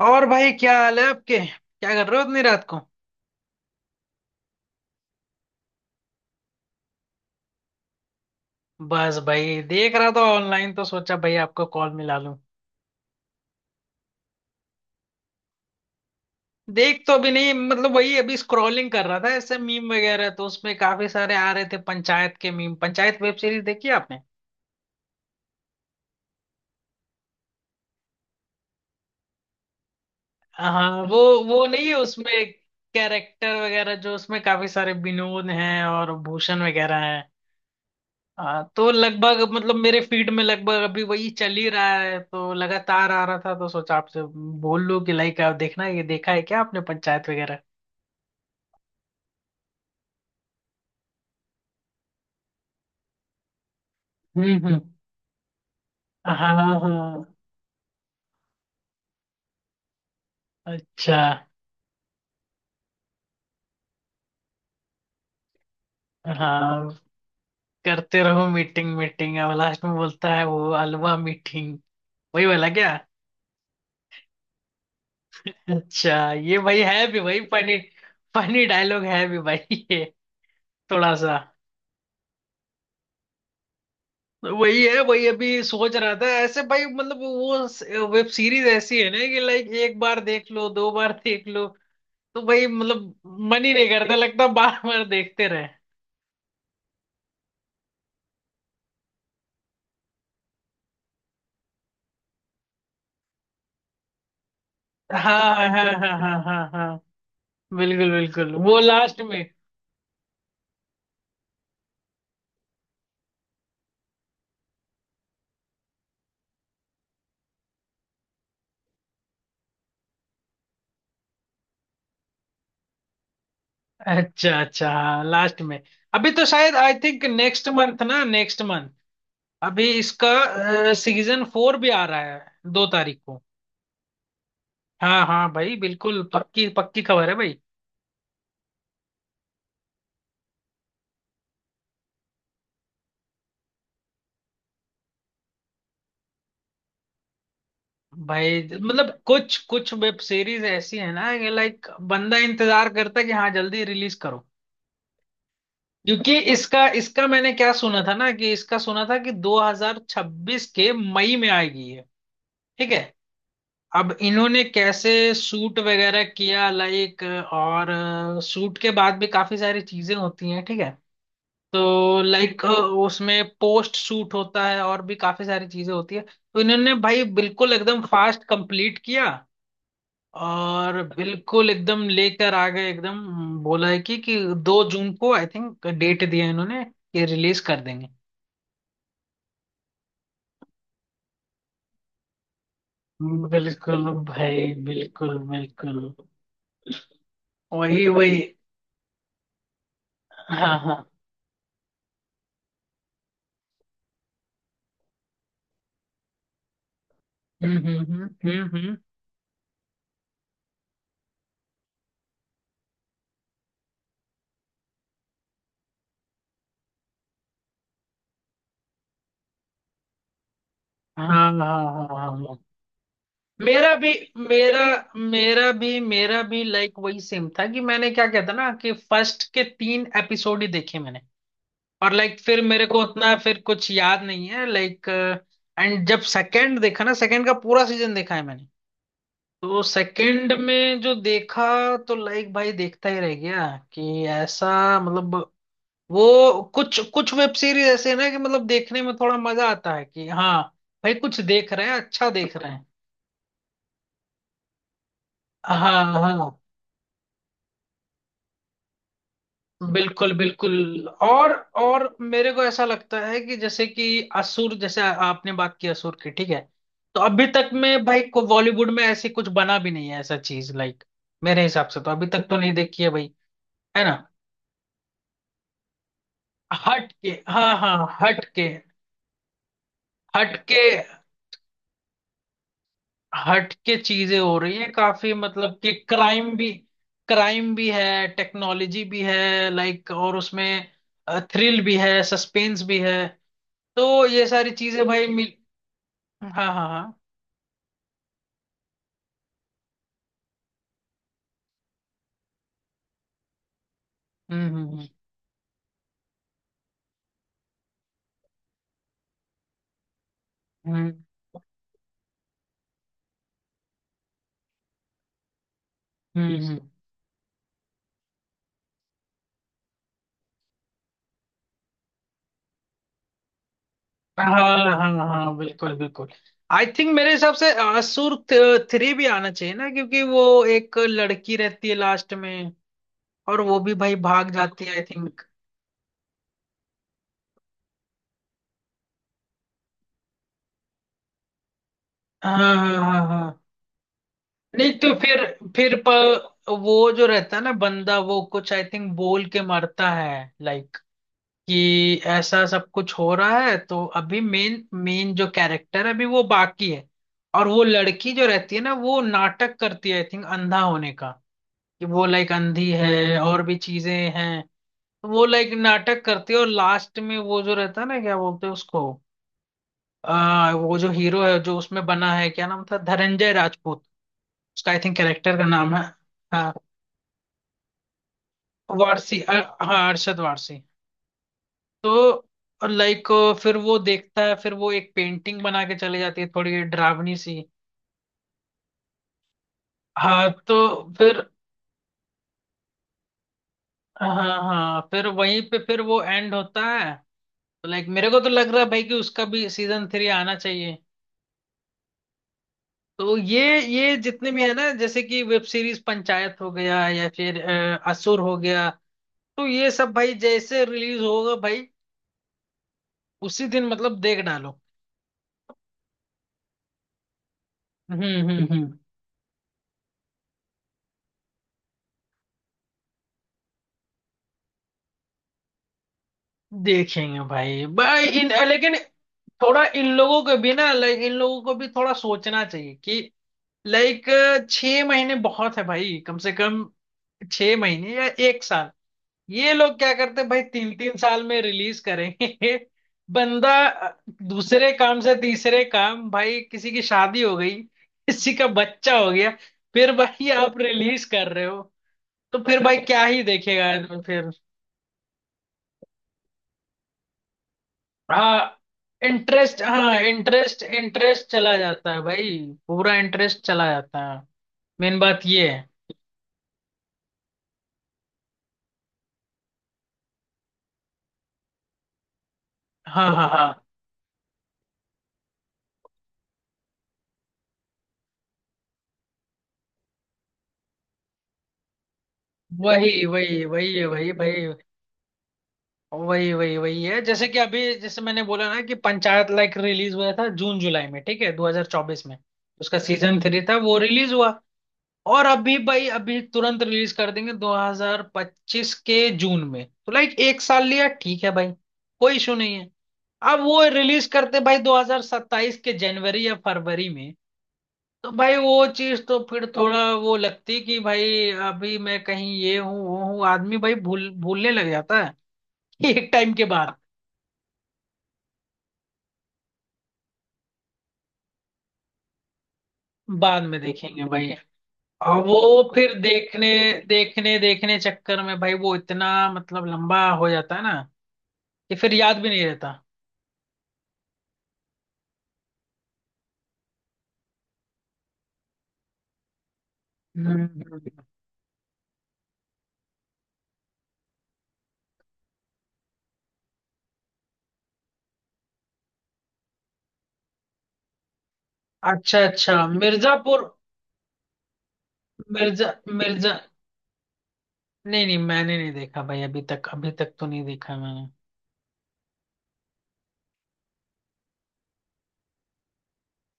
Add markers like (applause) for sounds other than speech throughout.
और भाई, क्या हाल है आपके? क्या कर रहे हो इतनी रात को? बस भाई, देख रहा था ऑनलाइन, तो सोचा भाई आपको कॉल मिला लूं। देख तो अभी नहीं, मतलब वही, अभी स्क्रॉलिंग कर रहा था ऐसे, मीम वगैरह तो उसमें काफी सारे आ रहे थे पंचायत के मीम। पंचायत वेब सीरीज देखी आपने? हाँ, वो नहीं है उसमें। कैरेक्टर वगैरह जो उसमें, काफी सारे विनोद हैं और भूषण वगैरह। हाँ, तो लगभग मतलब मेरे फीड में लगभग अभी वही चल ही रहा है, तो लगातार आ रहा था, तो सोचा आपसे बोल लूं कि लाइक आप देखना, ये देखा है क्या आपने पंचायत वगैरह? हम्म। हाँ। हाँ। अच्छा। हाँ। करते रहो मीटिंग मीटिंग। अब लास्ट में बोलता है वो, अलवा मीटिंग। वही वाला क्या? अच्छा, ये भाई है भी भाई फनी। फनी डायलॉग है भी भाई ये, थोड़ा सा। वही है, वही अभी सोच रहा था ऐसे भाई, मतलब वो वेब सीरीज ऐसी है ना कि लाइक एक बार देख लो, दो बार देख लो। तो भाई मतलब मन ही नहीं करता, लगता बार बार देखते रहे। हाँ हाँ, हाँ हाँ, हाँ हाँ। बिल्कुल बिल्कुल, वो लास्ट में। अच्छा अच्छा, हाँ लास्ट में। अभी तो शायद आई थिंक नेक्स्ट मंथ ना, नेक्स्ट मंथ। अभी इसका सीजन फोर भी आ रहा है, 2 तारीख को। हाँ हाँ भाई, बिल्कुल पक्की पक्की खबर है भाई। भाई मतलब कुछ कुछ वेब सीरीज ऐसी है ना कि लाइक बंदा इंतजार करता है कि हाँ जल्दी रिलीज करो। क्योंकि इसका इसका मैंने क्या सुना था ना, कि इसका सुना था कि 2026 के मई में आएगी ये, ठीक है। अब इन्होंने कैसे शूट वगैरह किया लाइक, और शूट के बाद भी काफी सारी चीजें होती हैं, ठीक है। तो लाइक उसमें पोस्ट शूट होता है, और भी काफी सारी चीजें होती है। तो इन्होंने भाई बिल्कुल एकदम फास्ट कंप्लीट किया, और बिल्कुल एकदम लेकर आ गए एकदम। बोला है कि 2 जून को आई थिंक डेट दिया है इन्होंने कि रिलीज कर देंगे। बिल्कुल भाई, बिल्कुल बिल्कुल, वही वही। हाँ हाँ। हम्म, हाँ हाँ हाँ हाँ, हाँ। हाँ। मेरा भी मेरा मेरा भी लाइक वही सेम था, कि मैंने क्या कहता ना कि फर्स्ट के तीन एपिसोड ही देखे मैंने। और लाइक फिर मेरे को उतना फिर कुछ याद नहीं है लाइक। एंड जब सेकंड देखा ना, सेकंड का पूरा सीजन देखा है मैंने, तो सेकंड में जो देखा, तो लाइक भाई देखता ही रह गया, कि ऐसा। मतलब वो कुछ कुछ वेब सीरीज ऐसे है ना कि मतलब देखने में थोड़ा मजा आता है कि हाँ भाई कुछ देख रहे हैं, अच्छा देख रहे हैं। हाँ हाँ, बिल्कुल बिल्कुल। और मेरे को ऐसा लगता है कि जैसे कि असुर, जैसे आपने बात की असुर की, ठीक है। तो अभी तक में भाई को बॉलीवुड में ऐसी कुछ बना भी नहीं है, ऐसा चीज लाइक। मेरे हिसाब से तो अभी तक तो नहीं देखी है भाई, है ना? हट के, हाँ हाँ, हट के। हट के, हट के चीजें हो रही है काफी, मतलब कि क्राइम भी। क्राइम भी है, टेक्नोलॉजी भी है लाइक, और उसमें थ्रिल भी है, सस्पेंस भी है। तो ये सारी चीजें भाई मिल। हाँ हाँ हाँ। हम्म, हम्म हम्म। हाँ हाँ हाँ, बिल्कुल बिल्कुल। आई थिंक मेरे हिसाब से असुर थ्री भी आना चाहिए ना, क्योंकि वो एक लड़की रहती है लास्ट में, और वो भी भाई भाग जाती है आई थिंक। हाँ हाँ हाँ हाँ। नहीं तो फिर, फिर प, वो जो रहता है ना बंदा, वो कुछ आई थिंक बोल के मरता है लाइक, कि ऐसा सब कुछ हो रहा है, तो अभी मेन मेन जो कैरेक्टर है अभी वो बाकी है। और वो लड़की जो रहती है ना, वो नाटक करती है आई थिंक अंधा होने का, कि वो लाइक अंधी है, और भी चीजें हैं। तो वो लाइक नाटक करती है, और लास्ट में वो जो रहता है ना, क्या बोलते हैं उसको, वो जो हीरो है जो उसमें बना है, क्या नाम था, धनंजय राजपूत उसका आई थिंक कैरेक्टर का नाम है। हाँ वारसी, हाँ अरशद वारसी। तो लाइक फिर वो देखता है, फिर वो एक पेंटिंग बना के चले जाती है, थोड़ी डरावनी सी। हाँ, तो फिर, हाँ हाँ, फिर वहीं पे फिर वो एंड होता है। तो लाइक मेरे को तो लग रहा है भाई कि उसका भी सीजन थ्री आना चाहिए। तो ये जितने भी है ना, जैसे कि वेब सीरीज पंचायत हो गया, या फिर असुर हो गया, तो ये सब भाई जैसे रिलीज होगा भाई, उसी दिन मतलब देख डालो। हम्म हम्म, हम्म। देखेंगे भाई। भाई इन लेकिन, थोड़ा इन लोगों को भी ना लाइक, इन लोगों को भी थोड़ा सोचना चाहिए कि लाइक 6 महीने बहुत है भाई, कम से कम 6 महीने या एक साल। ये लोग क्या करते हैं भाई, तीन तीन साल में रिलीज करेंगे। (laughs) बंदा दूसरे काम से तीसरे काम, भाई किसी की शादी हो गई, किसी का बच्चा हो गया, फिर भाई आप रिलीज कर रहे हो, तो फिर भाई क्या ही देखेगा आदमी फिर। हाँ इंटरेस्ट, हाँ इंटरेस्ट इंटरेस्ट चला जाता है भाई, पूरा इंटरेस्ट चला जाता है। मेन बात ये है। हाँ हाँ हाँ। वही वही वही है वही भाई। वही वही वही है, जैसे कि अभी जैसे मैंने बोला ना कि पंचायत लाइक रिलीज हुआ था जून जुलाई में, ठीक है, 2024 में। उसका सीजन थ्री था, वो रिलीज हुआ, और अभी भाई अभी तुरंत रिलीज कर देंगे 2025 के जून में, तो लाइक एक साल लिया, ठीक है भाई, कोई इशू नहीं है। अब वो रिलीज करते भाई 2027 के जनवरी या फरवरी में, तो भाई वो चीज तो फिर थोड़ा वो लगती कि भाई अभी मैं कहीं ये हूँ वो हूँ, आदमी भाई भूलने लग जाता है। (laughs) एक टाइम के बाद। बाद में देखेंगे भाई। और वो फिर देखने देखने देखने चक्कर में भाई, वो इतना मतलब लंबा हो जाता है ना, कि फिर याद भी नहीं रहता। हम्म हम्म। अच्छा अच्छा मिर्जापुर। मिर्जा मिर्जा नहीं नहीं, मैंने नहीं देखा भाई अभी तक तो नहीं देखा मैंने।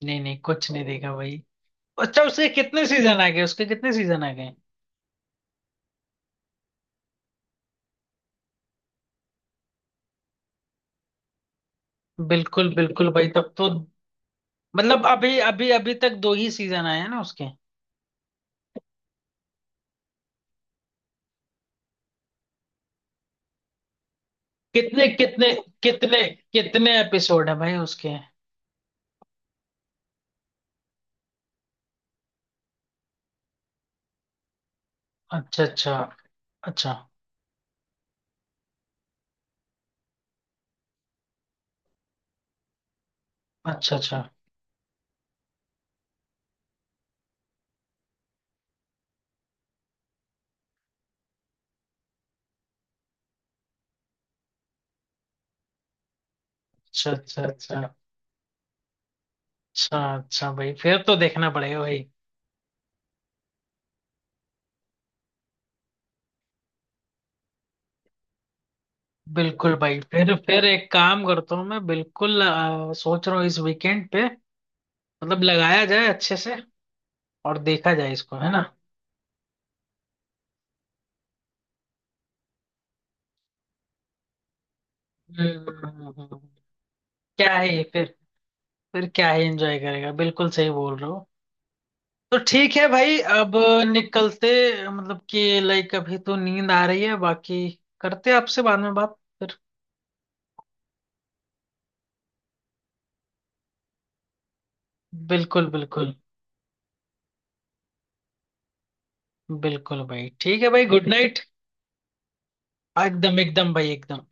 नहीं नहीं, कुछ नहीं देखा भाई। अच्छा उसके कितने सीजन आ गए, उसके कितने सीजन आ गए? बिल्कुल बिल्कुल भाई, तब तो। मतलब अभी अभी अभी तक दो ही सीजन आए हैं ना उसके? कितने कितने कितने कितने एपिसोड है भाई उसके? अच्छा अच्छा। अच्छा अच्छा अच्छा अच्छा। अच्छा अच्छा। अच्छा अच्छा, भाई फिर तो देखना पड़ेगा भाई। बिल्कुल भाई, फिर एक काम करता हूँ मैं बिल्कुल, सोच रहा हूँ इस वीकेंड पे मतलब लगाया जाए अच्छे से, और देखा जाए इसको, है ना? हम्म, क्या ही फिर क्या ही एंजॉय करेगा, बिल्कुल सही बोल रहे हो। तो ठीक है भाई, अब निकलते, मतलब कि लाइक अभी तो नींद आ रही है बाकी, करते हैं आपसे बाद में बात फिर। बिल्कुल बिल्कुल, बिल्कुल भाई, ठीक है भाई, गुड नाइट। एकदम एकदम भाई, एकदम।